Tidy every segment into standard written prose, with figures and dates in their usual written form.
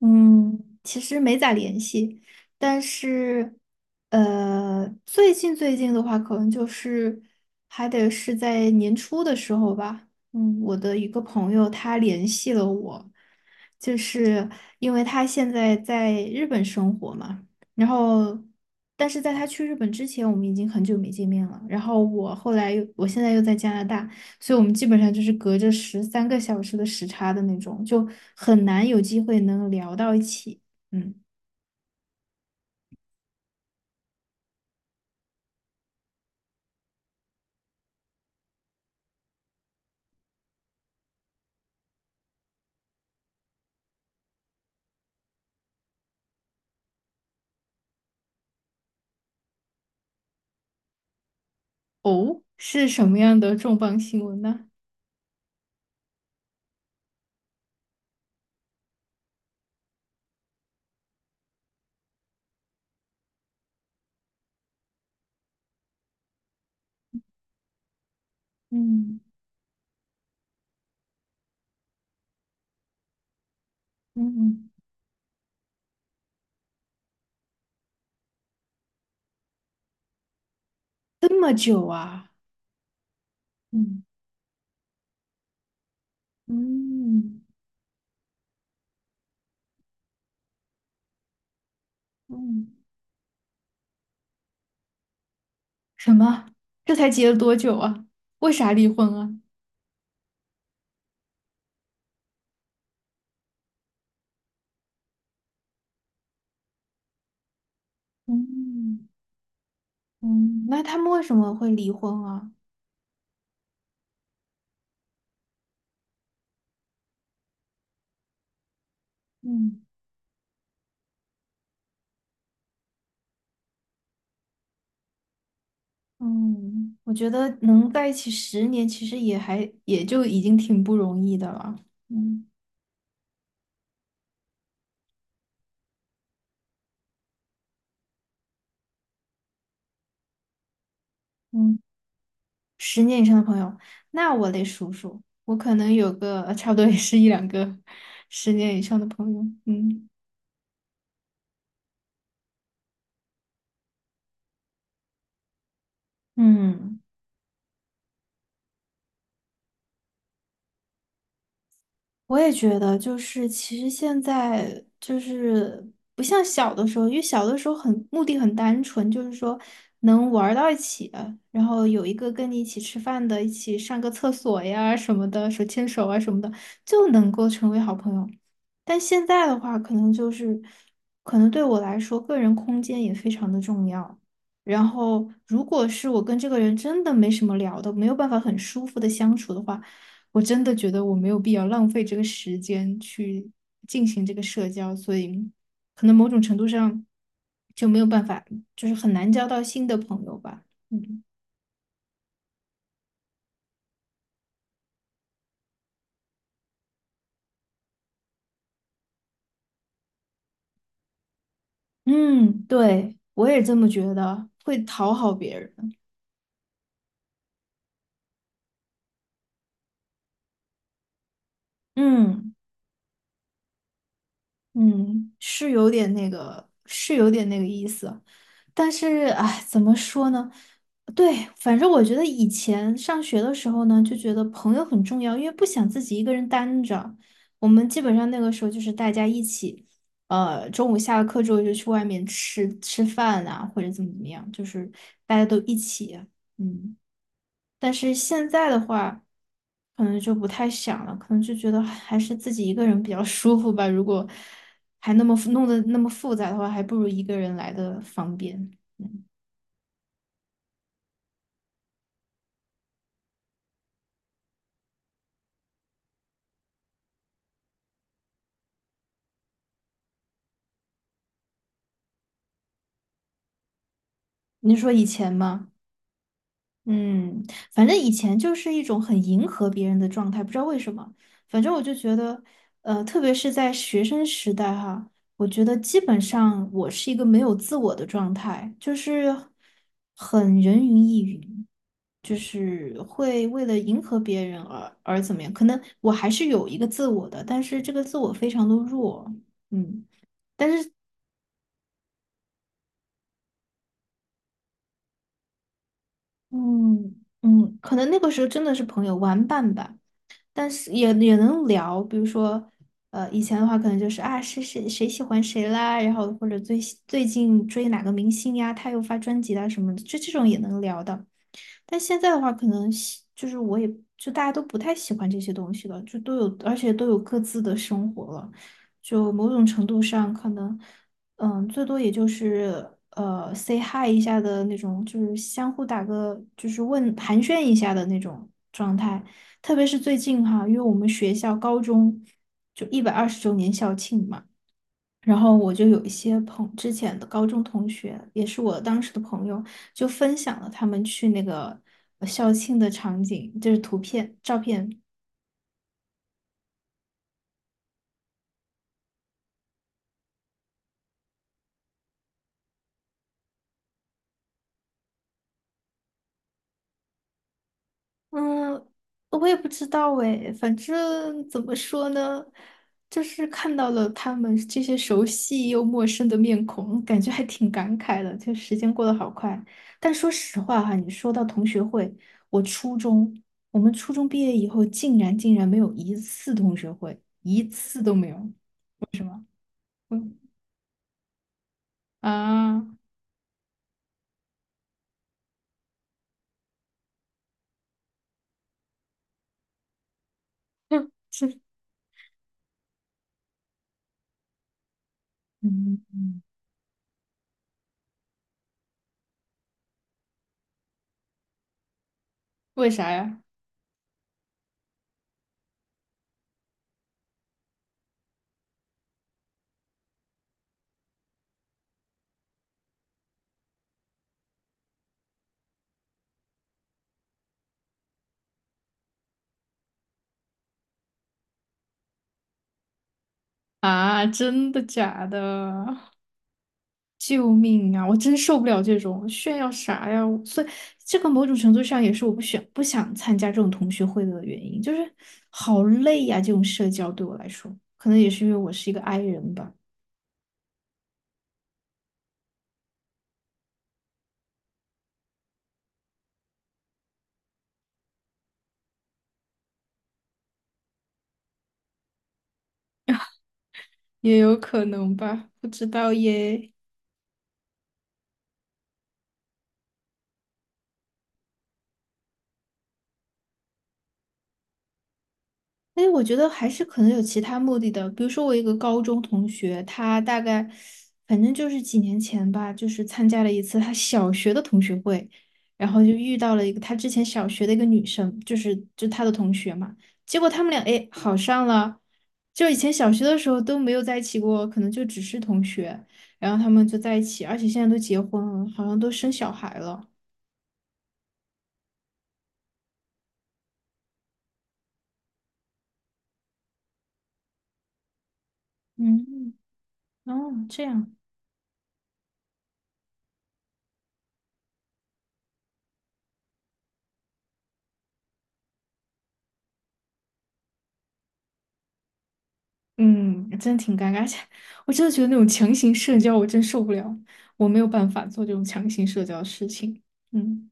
嗯，其实没咋联系，但是，最近的话，可能就是还得是在年初的时候吧。嗯，我的一个朋友他联系了我，就是因为他现在在日本生活嘛，然后，但是在他去日本之前，我们已经很久没见面了。然后我现在又在加拿大。所以我们基本上就是隔着13个小时的时差的那种，就很难有机会能聊到一起。嗯，哦，是什么样的重磅新闻呢？嗯嗯，这么久啊？嗯嗯嗯，什么？这才结了多久啊？为啥离婚啊？嗯嗯，那他们为什么会离婚啊？嗯嗯，我觉得能在一起十年，其实也还也就已经挺不容易的了。嗯。嗯。十年以上的朋友，那我得数数，我可能有个差不多也是一两个十年以上的朋友。嗯嗯。我也觉得，就是其实现在就是不像小的时候，因为小的时候很目的很单纯，就是说能玩儿到一起，然后有一个跟你一起吃饭的，一起上个厕所呀什么的，手牵手啊什么的，就能够成为好朋友。但现在的话，可能就是可能对我来说，个人空间也非常的重要。然后，如果是我跟这个人真的没什么聊的，没有办法很舒服的相处的话。我真的觉得我没有必要浪费这个时间去进行这个社交，所以可能某种程度上就没有办法，就是很难交到新的朋友吧。嗯嗯，对，我也这么觉得。会讨好别人。嗯。嗯，是有点那个，是有点那个意思，但是哎，怎么说呢？对，反正我觉得以前上学的时候呢，就觉得朋友很重要，因为不想自己一个人单着。我们基本上那个时候就是大家一起，中午下了课之后就去外面吃吃饭啊，或者怎么怎么样，就是大家都一起啊，嗯。但是现在的话，可能就不太想了，可能就觉得还是自己一个人比较舒服吧。如果还那么复弄得那么复杂的话，还不如一个人来的方便。嗯，您说以前吗？嗯，反正以前就是一种很迎合别人的状态，不知道为什么。反正我就觉得，特别是在学生时代哈，我觉得基本上我是一个没有自我的状态，就是很人云亦云。就是会为了迎合别人而怎么样？可能我还是有一个自我的，但是这个自我非常的弱，嗯，但是嗯嗯，可能那个时候真的是朋友玩伴吧，但是也能聊，比如说以前的话可能就是啊谁谁谁喜欢谁啦，然后或者最近追哪个明星呀，他又发专辑啦什么的，就这种也能聊的。但现在的话，可能就是我也就大家都不太喜欢这些东西了，就都有，而且都有各自的生活了，就某种程度上可能，嗯，最多也就是say hi 一下的那种，就是相互打个就是问寒暄一下的那种状态。特别是最近哈，因为我们学校高中就120周年校庆嘛。然后我就有一些之前的高中同学，也是我当时的朋友，就分享了他们去那个校庆的场景，就是图片、照片，嗯，我也不知道诶，反正怎么说呢，就是看到了他们这些熟悉又陌生的面孔，感觉还挺感慨的。就时间过得好快，但说实话哈，你说到同学会，我初中，我们初中毕业以后，竟然竟然没有一次同学会，一次都没有。嗯啊，嗯嗯，为啥呀？啊，真的假的？救命啊！我真受不了这种炫耀啥呀！所以这个某种程度上也是我不想参加这种同学会的原因，就是好累呀、这种社交对我来说，可能也是因为我是一个 i 人吧，也有可能吧，不知道耶。哎，我觉得还是可能有其他目的的。比如说，我一个高中同学，他大概反正就是几年前吧，就是参加了一次他小学的同学会，然后就遇到了一个他之前小学的一个女生，就是就他的同学嘛。结果他们俩哎好上了，就以前小学的时候都没有在一起过，可能就只是同学，然后他们就在一起，而且现在都结婚了，好像都生小孩了。嗯，哦，这样。嗯，真挺尴尬，而且我真的觉得那种强行社交我真受不了，我没有办法做这种强行社交的事情。嗯，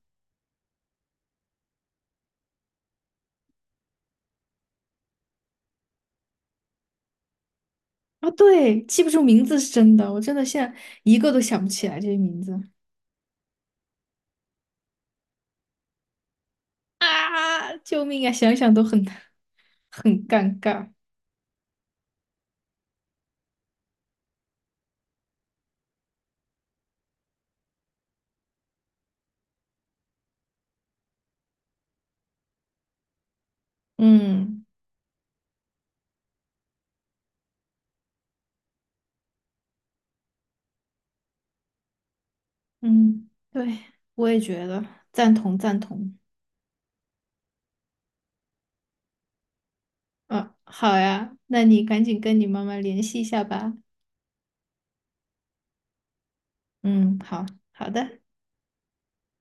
啊，对，记不住名字是真的，我真的现在一个都想不起来这些名字啊！救命啊，想想都很尴尬。嗯嗯，对，我也觉得赞同赞同。啊，好呀，那你赶紧跟你妈妈联系一下吧。嗯，好好的。